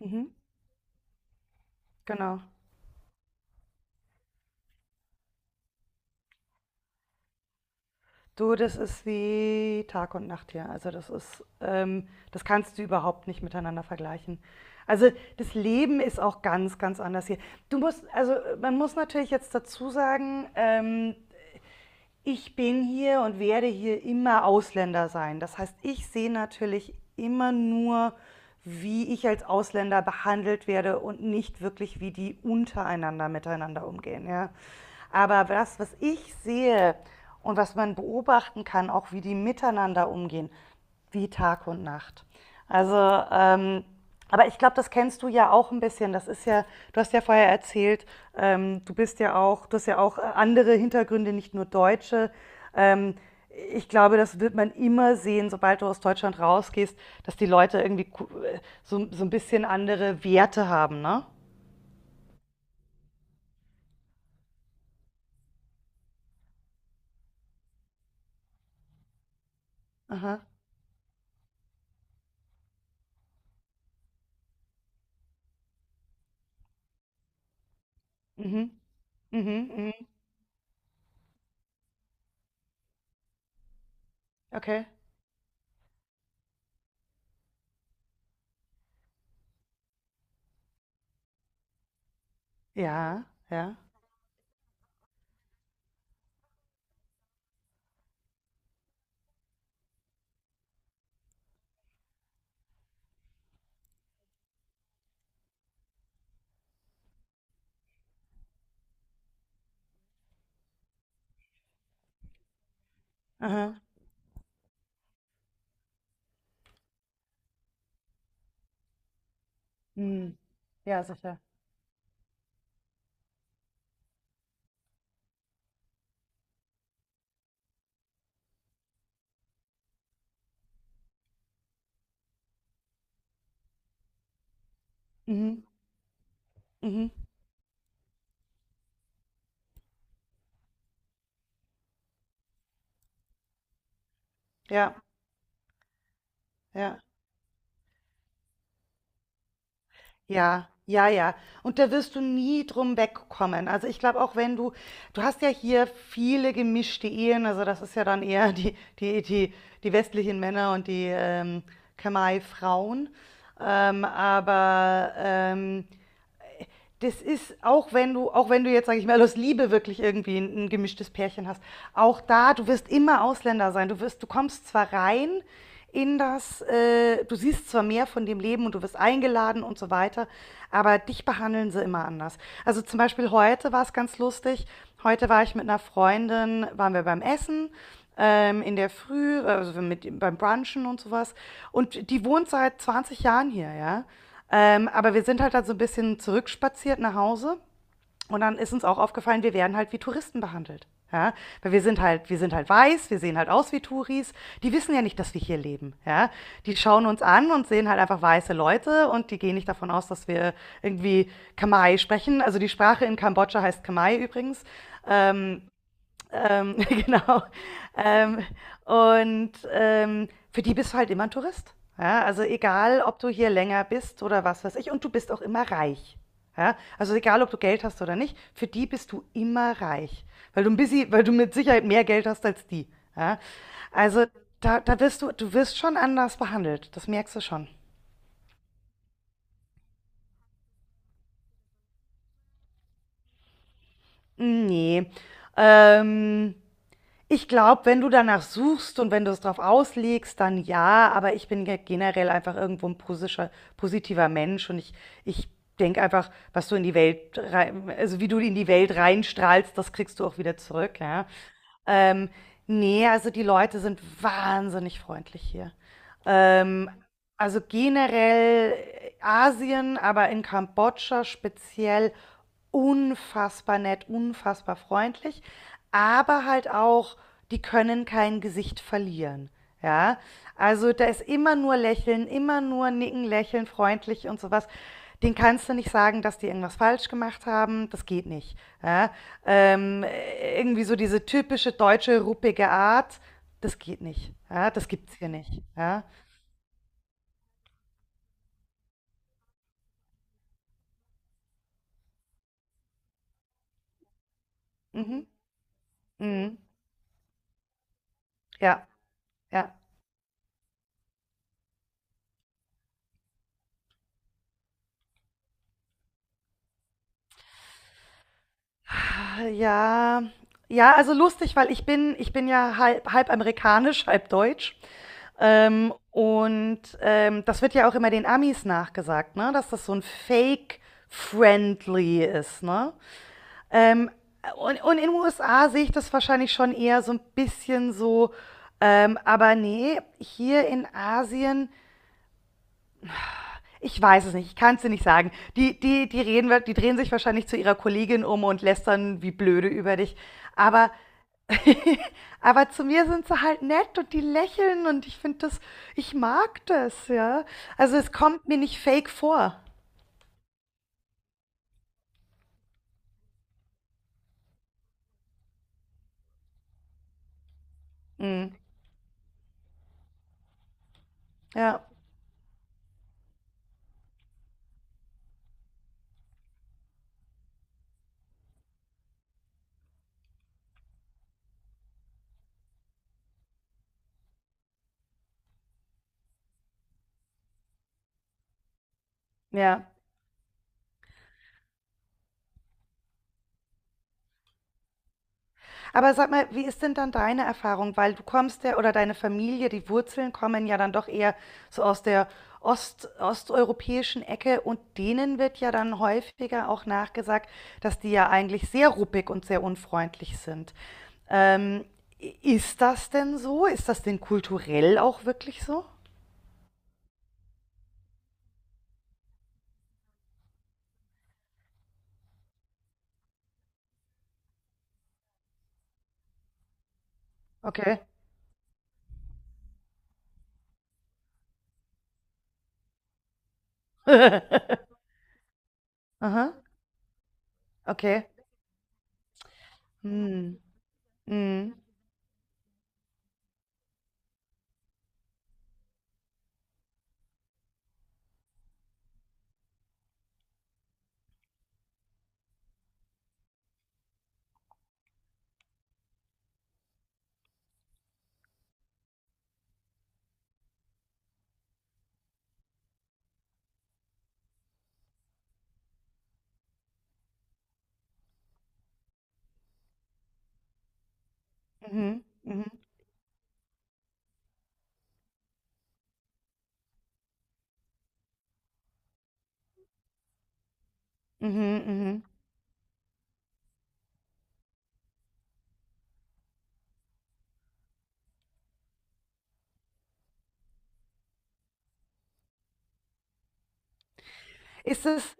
Mhm, genau. Du, das ist wie Tag und Nacht hier. Also das ist, das kannst du überhaupt nicht miteinander vergleichen. Also das Leben ist auch ganz, ganz anders hier. Du musst, also man muss natürlich jetzt dazu sagen, ich bin hier und werde hier immer Ausländer sein. Das heißt, ich sehe natürlich immer nur, wie ich als Ausländer behandelt werde und nicht wirklich, wie die untereinander miteinander umgehen. Ja? Aber das, was ich sehe und was man beobachten kann, auch wie die miteinander umgehen, wie Tag und Nacht. Also, ähm, aber ich glaube, das kennst du ja auch ein bisschen. Das ist ja, du hast ja vorher erzählt, du hast ja auch andere Hintergründe, nicht nur deutsche. Ähm, ich glaube, das wird man immer sehen, sobald du aus Deutschland rausgehst, dass die Leute irgendwie so ein bisschen andere Werte haben, ne? Aha. Mhm. Mhm. Mhm. Okay. Ja, ja. Aha. Mhm. Ja, sicher. Mhm. Mhm. Ja, ja. Ja, ja, ja. Und da wirst du nie drum wegkommen. Also ich glaube, auch wenn du, du hast ja hier viele gemischte Ehen, also das ist ja dann eher die, die, die westlichen Männer und die Khmer-Frauen. Ähm, aber ähm, das ist, auch wenn du jetzt, sage ich mal, aus Liebe wirklich irgendwie ein gemischtes Pärchen hast, auch da, du wirst immer Ausländer sein. Du wirst, du kommst zwar rein in das. Du siehst zwar mehr von dem Leben und du wirst eingeladen und so weiter, aber dich behandeln sie immer anders. Also zum Beispiel heute war es ganz lustig. Heute war ich mit einer Freundin, waren wir beim Essen in der Früh, also mit, beim Brunchen und sowas. Und die wohnt seit 20 Jahren hier, ja. Aber wir sind halt dann so ein bisschen zurückspaziert nach Hause und dann ist uns auch aufgefallen, wir werden halt wie Touristen behandelt. Ja, weil wir sind halt weiß, wir sehen halt aus wie Touris. Die wissen ja nicht, dass wir hier leben. Ja, die schauen uns an und sehen halt einfach weiße Leute und die gehen nicht davon aus, dass wir irgendwie Khmer sprechen. Also die Sprache in Kambodscha heißt Khmer übrigens. Ähm, genau. Ähm, für die bist du halt immer ein Tourist. Ja, also egal, ob du hier länger bist oder was weiß ich, und du bist auch immer reich. Ja, also egal, ob du Geld hast oder nicht, für die bist du immer reich, weil weil du mit Sicherheit mehr Geld hast als die. Ja, also da wirst du, du wirst schon anders behandelt, das merkst du schon. Nee. Ähm, Ich glaube, wenn du danach suchst und wenn du es drauf auslegst, dann ja, aber ich bin generell einfach irgendwo ein positiver Mensch und ich denke einfach, was du in die Welt rein, also wie du in die Welt reinstrahlst, das kriegst du auch wieder zurück, ja. Ähm, nee, also die Leute sind wahnsinnig freundlich hier. Ähm, also generell Asien, aber in Kambodscha speziell unfassbar nett, unfassbar freundlich, aber halt auch, die können kein Gesicht verlieren. Ja, also da ist immer nur Lächeln, immer nur Nicken, Lächeln, freundlich und sowas. Den kannst du nicht sagen, dass die irgendwas falsch gemacht haben. Das geht nicht. Ja? Ähm, irgendwie so diese typische deutsche ruppige Art, das geht nicht. Ja? Das gibt's hier nicht. Ja? Mhm. Mhm. Ja, ja. Ja, ja, also lustig, weil ich bin ja halb, halb amerikanisch, halb deutsch. Das wird ja auch immer den Amis nachgesagt, ne? Dass das so ein Fake-Friendly ist, ne? Ähm, und in den USA sehe ich das wahrscheinlich schon eher so ein bisschen so, aber nee, hier in Asien. Ich weiß es nicht, ich kann es dir nicht sagen. Die drehen sich wahrscheinlich zu ihrer Kollegin um und lästern wie blöde über dich. Aber, aber zu mir sind sie halt nett und die lächeln und ich mag das, ja. Also es kommt mir nicht fake vor. Mm, ja, ja. Aber sag mal, wie ist denn dann deine Erfahrung? Weil du kommst ja, oder deine Familie, die Wurzeln kommen ja dann doch eher so aus der osteuropäischen Ecke und denen wird ja dann häufiger auch nachgesagt, dass die ja eigentlich sehr ruppig und sehr unfreundlich sind. Ähm, ist das denn so? Ist das denn kulturell auch wirklich so? Okay. Aha, okay. Hm. Mhm. Mhm. Mhm. Mhm. Mhm. Ist es.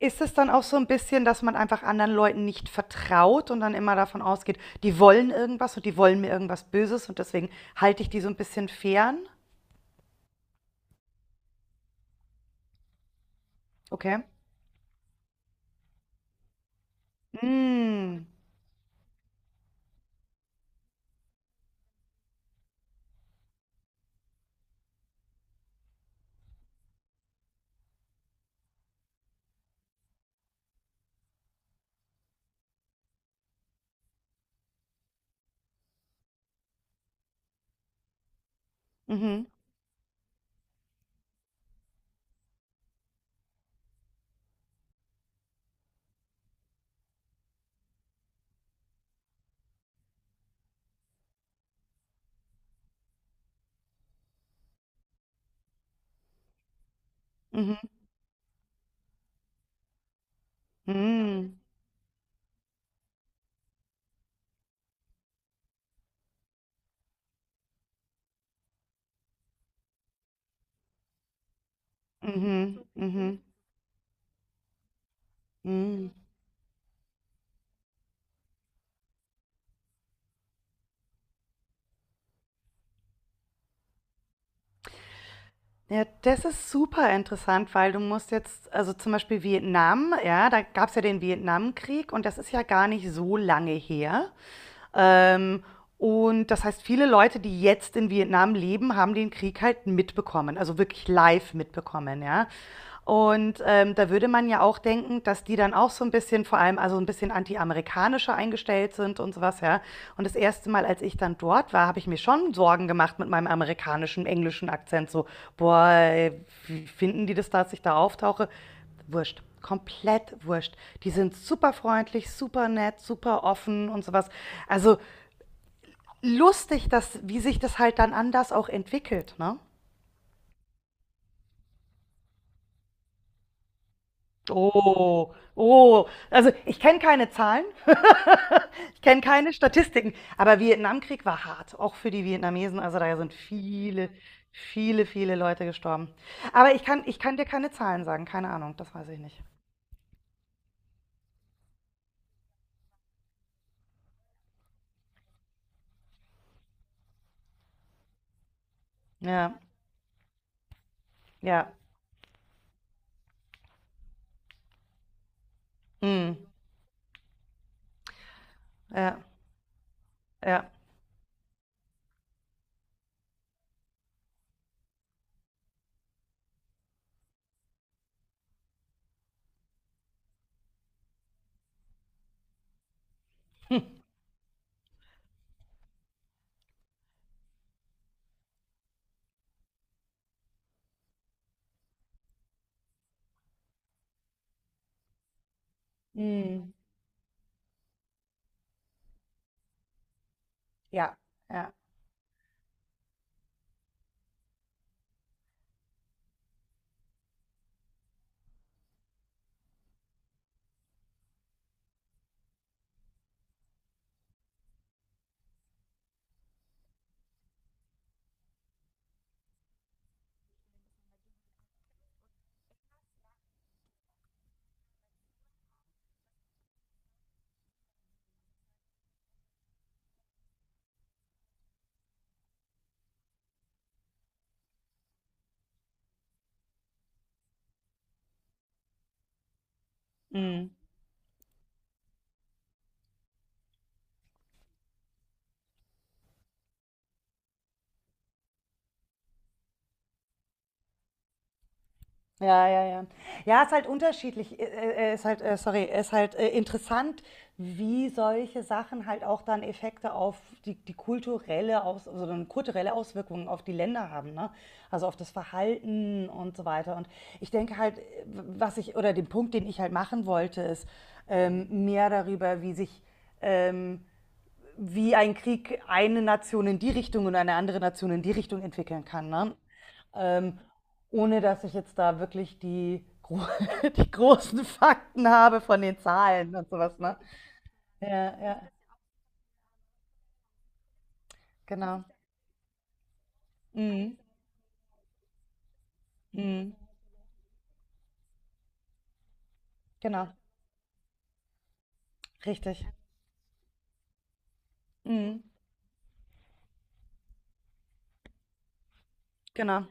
Ist es dann auch so ein bisschen, dass man einfach anderen Leuten nicht vertraut und dann immer davon ausgeht: „Die wollen irgendwas und die wollen mir irgendwas Böses und deswegen halte ich die so ein bisschen fern?“ Okay. Hm. Mhm. Mhm. Mhm. Mhm. Mhm. Hm. Ja, das ist super interessant, weil du musst jetzt also, zum Beispiel Vietnam, ja, da gab's ja den Vietnamkrieg und das ist ja gar nicht so lange her. Ähm, und das heißt, viele Leute, die jetzt in Vietnam leben, haben den Krieg halt mitbekommen, also wirklich live mitbekommen, ja. Und da würde man ja auch denken, dass die dann auch so ein bisschen, vor allem also ein bisschen anti-amerikanischer eingestellt sind und sowas, ja. Und das erste Mal, als ich dann dort war, habe ich mir schon Sorgen gemacht mit meinem amerikanischen, englischen Akzent. So, boah, ey, wie finden die das, dass ich da auftauche? Wurscht. Komplett wurscht. Die sind super freundlich, super nett, super offen und sowas. Also lustig, wie sich das halt dann anders auch entwickelt, ne? Oh, oh. Also ich kenne keine Zahlen, ich kenne keine Statistiken, aber Vietnamkrieg war hart, auch für die Vietnamesen. Also da sind viele Leute gestorben. Aber ich kann dir keine Zahlen sagen, keine Ahnung, das weiß ich nicht. Ja, ja, mm, ja, ja, hm, mm, ja, ja, mm. Ja, ja, ja. Ja, ist halt unterschiedlich. Ist halt, sorry, ist halt interessant, wie solche Sachen halt auch dann Effekte auf die kulturelle also dann kulturelle Auswirkungen auf die Länder haben, ne? Also auf das Verhalten und so weiter. Und ich denke halt, oder den Punkt, den ich halt machen wollte, ist mehr darüber, ähm, wie ein Krieg eine Nation in die Richtung und eine andere Nation in die Richtung entwickeln kann. Ne? ähm, ohne dass ich jetzt da wirklich die, gro die großen Fakten habe von den Zahlen und sowas, ne? Ja, ja, genau. Mhm. Mhm. Genau, richtig. Mhm. Genau.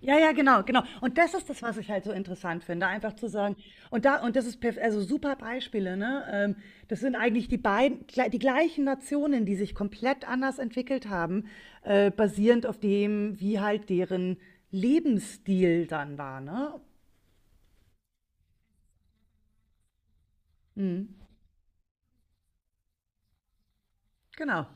Ja, ja, genau, genau. Und das ist das, was ich halt so interessant finde, einfach zu sagen. Und da und das ist also super Beispiele, ne? Das sind eigentlich die beiden die gleichen Nationen, die sich komplett anders entwickelt haben, basierend auf dem, wie halt deren Lebensstil dann war, ne? Mhm. Genau.